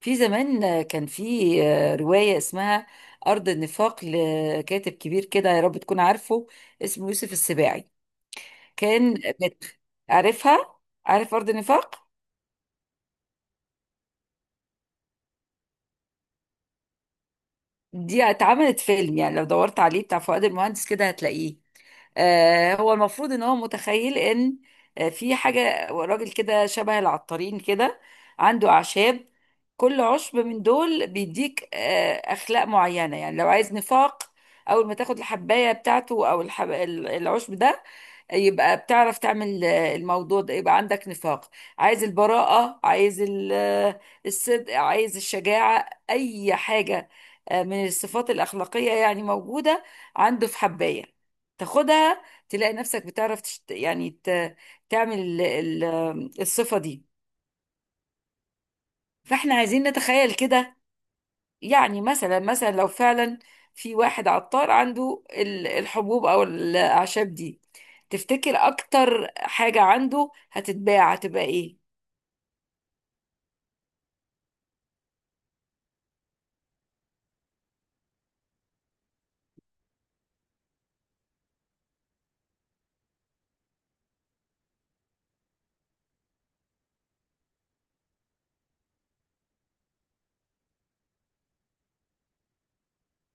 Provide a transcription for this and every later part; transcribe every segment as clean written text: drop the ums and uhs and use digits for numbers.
في زمان كان في رواية اسمها أرض النفاق لكاتب كبير كده. يا رب تكون عارفه. اسمه يوسف السباعي. كان بت... عارفها؟ عارف أرض النفاق؟ دي اتعملت فيلم، يعني لو دورت عليه بتاع فؤاد المهندس كده هتلاقيه. هو المفروض ان هو متخيل ان في حاجة، راجل كده شبه العطارين، كده عنده أعشاب. كل عشب من دول بيديك أخلاق معينة. يعني لو عايز نفاق، أول ما تاخد الحباية بتاعته أو العشب ده، يبقى بتعرف تعمل الموضوع ده، يبقى عندك نفاق. عايز البراءة، عايز الصدق، عايز الشجاعة، أي حاجة من الصفات الأخلاقية يعني موجودة. عنده في حباية تاخدها تلاقي نفسك بتعرف تعمل الصفة دي. فاحنا عايزين نتخيل كده. يعني مثلا لو فعلا في واحد عطار عنده الحبوب او الاعشاب دي، تفتكر اكتر حاجة عنده هتتباع هتبقى ايه؟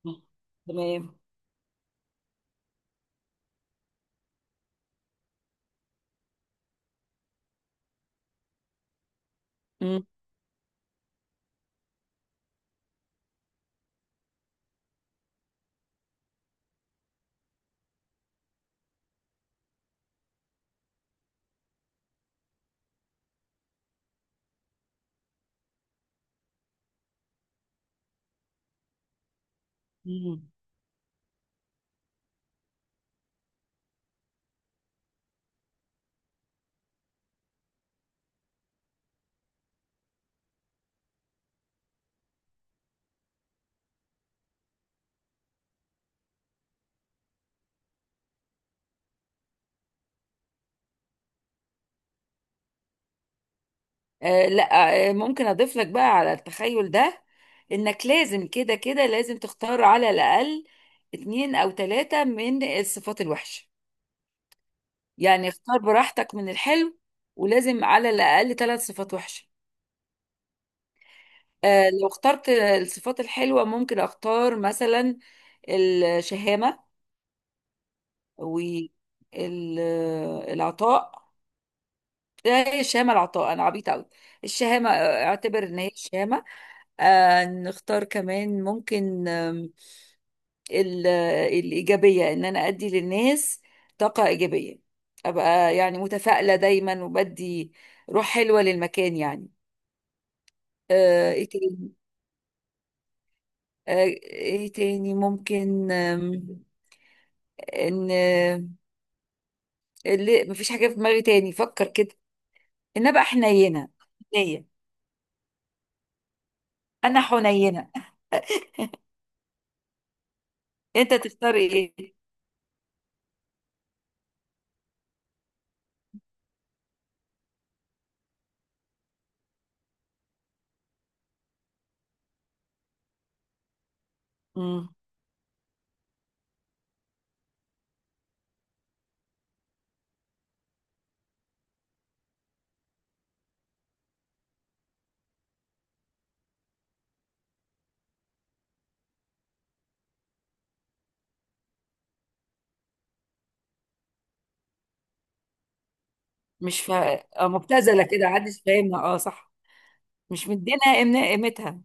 مم. تمام. مم. مم. لا، ممكن اضيف لك بقى على التخيل ده، انك لازم كده كده لازم تختار على الاقل اتنين او تلاتة من الصفات الوحشة. يعني اختار براحتك من الحلو، ولازم على الأقل ثلاث صفات وحشة. لو اخترت الصفات الحلوة ممكن اختار مثلا الشهامة والعطاء. ايه الشهامة العطاء، انا عبيطة قوي. الشهامة، اعتبر ان هي الشهامة. نختار كمان ممكن، آم، ال- آه، الإيجابية، ان انا ادي للناس طاقة إيجابية، ابقى يعني متفائلة دايما وبدي روح حلوة للمكان يعني. ايه تاني؟ آه، ايه تاني ممكن؟ آم، ان آه، اللي مفيش حاجه في دماغي تاني، فكر كده. انا بقى حنينه، حنيه انا حنينه. انت تختار ايه؟ مم. مش فا... آه، مبتذله كده محدش فاهمها، اه صح. مش مدينا قيمتها.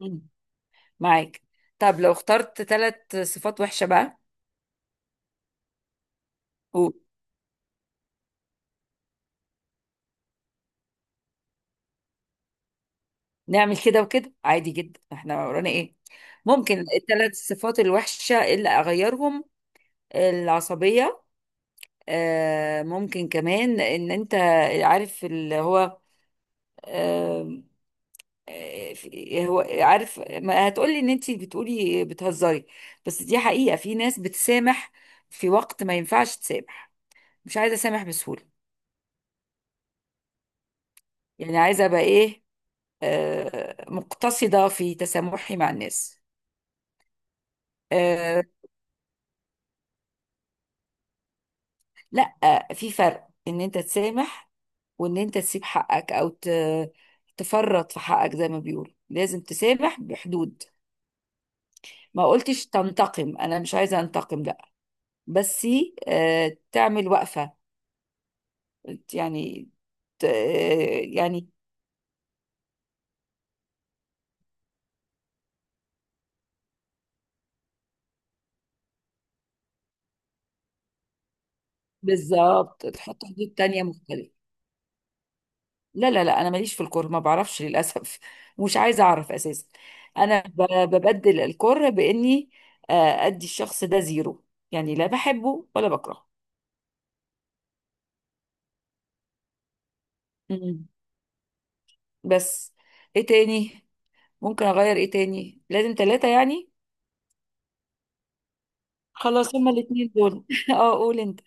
مم. معاك. طب لو اخترت ثلاث صفات وحشه بقى ونعمل كده وكده، عادي جدا، احنا ورانا ايه. ممكن الثلاث صفات الوحشه اللي اغيرهم: العصبيه. ممكن كمان، ان انت عارف اللي هو، آه، هو عارف ما هتقولي، ان انت بتقولي بتهزري، بس دي حقيقة. في ناس بتسامح في وقت ما ينفعش تسامح. مش عايزة اسامح بسهولة، يعني عايزة ابقى ايه، مقتصدة في تسامحي مع الناس. آه، لا، في فرق ان انت تسامح وان انت تسيب حقك او تفرط في حقك. زي ما بيقولوا لازم تسامح بحدود. ما قلتش تنتقم، انا مش عايزه انتقم، لا، بس تعمل وقفه يعني، يعني بالظبط تحط حدود تانية مختلفه. لا لا لا، انا ماليش في الكره، ما بعرفش للاسف مش عايزه اعرف اساسا. انا ببدل الكره باني ادي الشخص ده زيرو، يعني لا بحبه ولا بكرهه. مم. بس ايه تاني ممكن اغير؟ ايه تاني؟ لازم ثلاثه يعني. خلاص هما الاثنين دول اه، قول انت.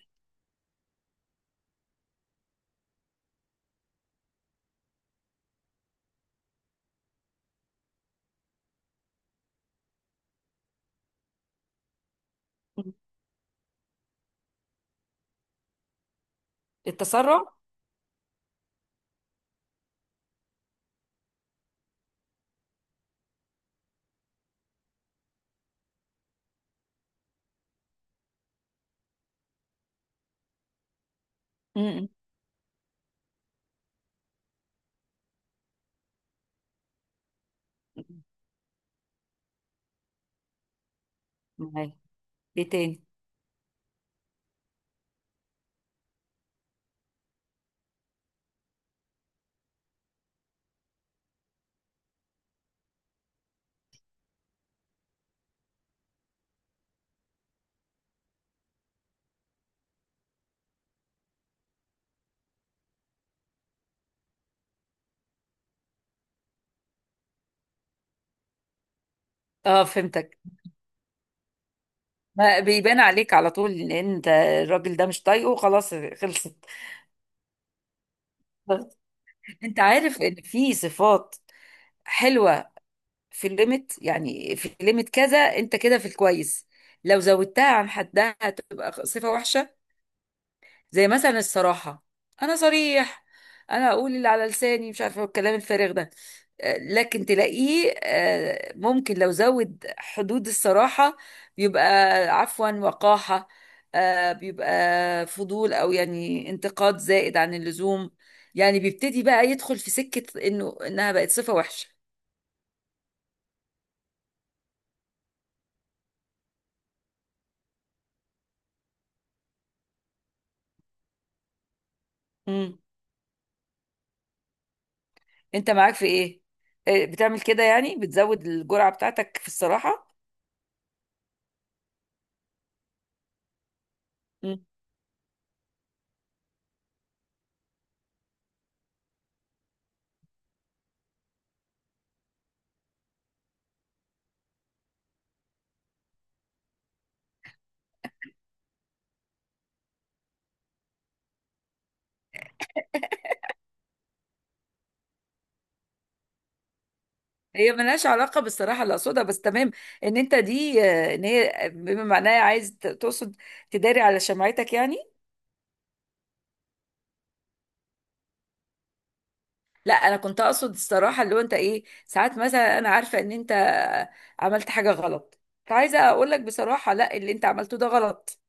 التسرع. امم. معايا. ايه تاني؟ اه فهمتك. ما بيبان عليك على طول ان انت الراجل ده مش طايقه، خلاص خلصت بس انت عارف ان في صفات حلوه في الليميت، يعني في الليميت كذا انت كده في الكويس، لو زودتها عن حدها هتبقى صفه وحشه. زي مثلا الصراحة. أنا صريح، أنا أقول اللي على لساني، مش عارفة الكلام الفارغ ده. لكن تلاقيه ممكن لو زود حدود الصراحة بيبقى، عفوا، وقاحة، بيبقى فضول، أو يعني انتقاد زائد عن اللزوم. يعني بيبتدي بقى يدخل في سكة إنها بقت صفة وحشة. مم. أنت معاك في إيه؟ بتعمل كده، يعني بتزود الجرعة بتاعتك في الصراحة؟ هي ملهاش علاقة بالصراحة اللي أقصدها، بس تمام. إن أنت دي، إن هي بما معناها عايز تقصد تداري على شمعتك يعني. لا، أنا كنت أقصد الصراحة اللي هو أنت إيه، ساعات مثلا أنا عارفة إن أنت عملت حاجة غلط، فعايزة أقول لك بصراحة لا، اللي أنت عملته ده غلط.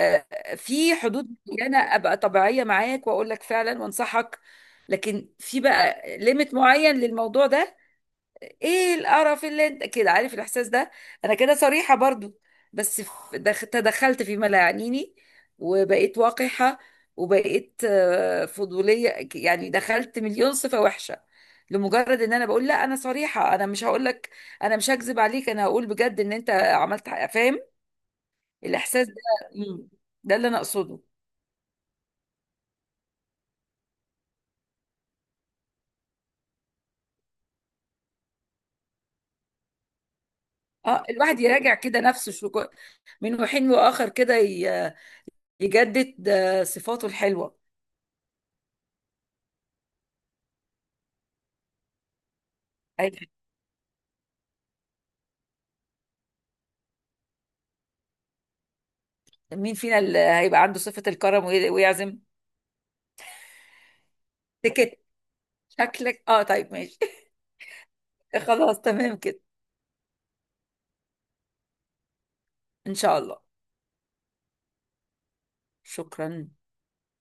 آه، في حدود معينة أبقى طبيعية معاك وأقول لك فعلا وأنصحك، لكن في بقى ليميت معين للموضوع ده. ايه القرف اللي انت كده، عارف الاحساس ده؟ انا كده صريحة برضو، بس تدخلت فيما لا يعنيني، وبقيت وقحة، وبقيت فضولية، يعني دخلت مليون صفة وحشة لمجرد ان انا بقول لا انا صريحة، انا مش هقول لك، انا مش هكذب عليك، انا هقول بجد ان انت عملت فاهم الاحساس ده. مم. ده اللي انا اقصده. اه، الواحد يراجع كده نفسه شو من حين واخر كده، يجدد صفاته الحلوة. مين فينا اللي هيبقى عنده صفة الكرم ويعزم؟ تكت. شكلك اه، طيب ماشي خلاص تمام كده. ان شاء الله. شكرا.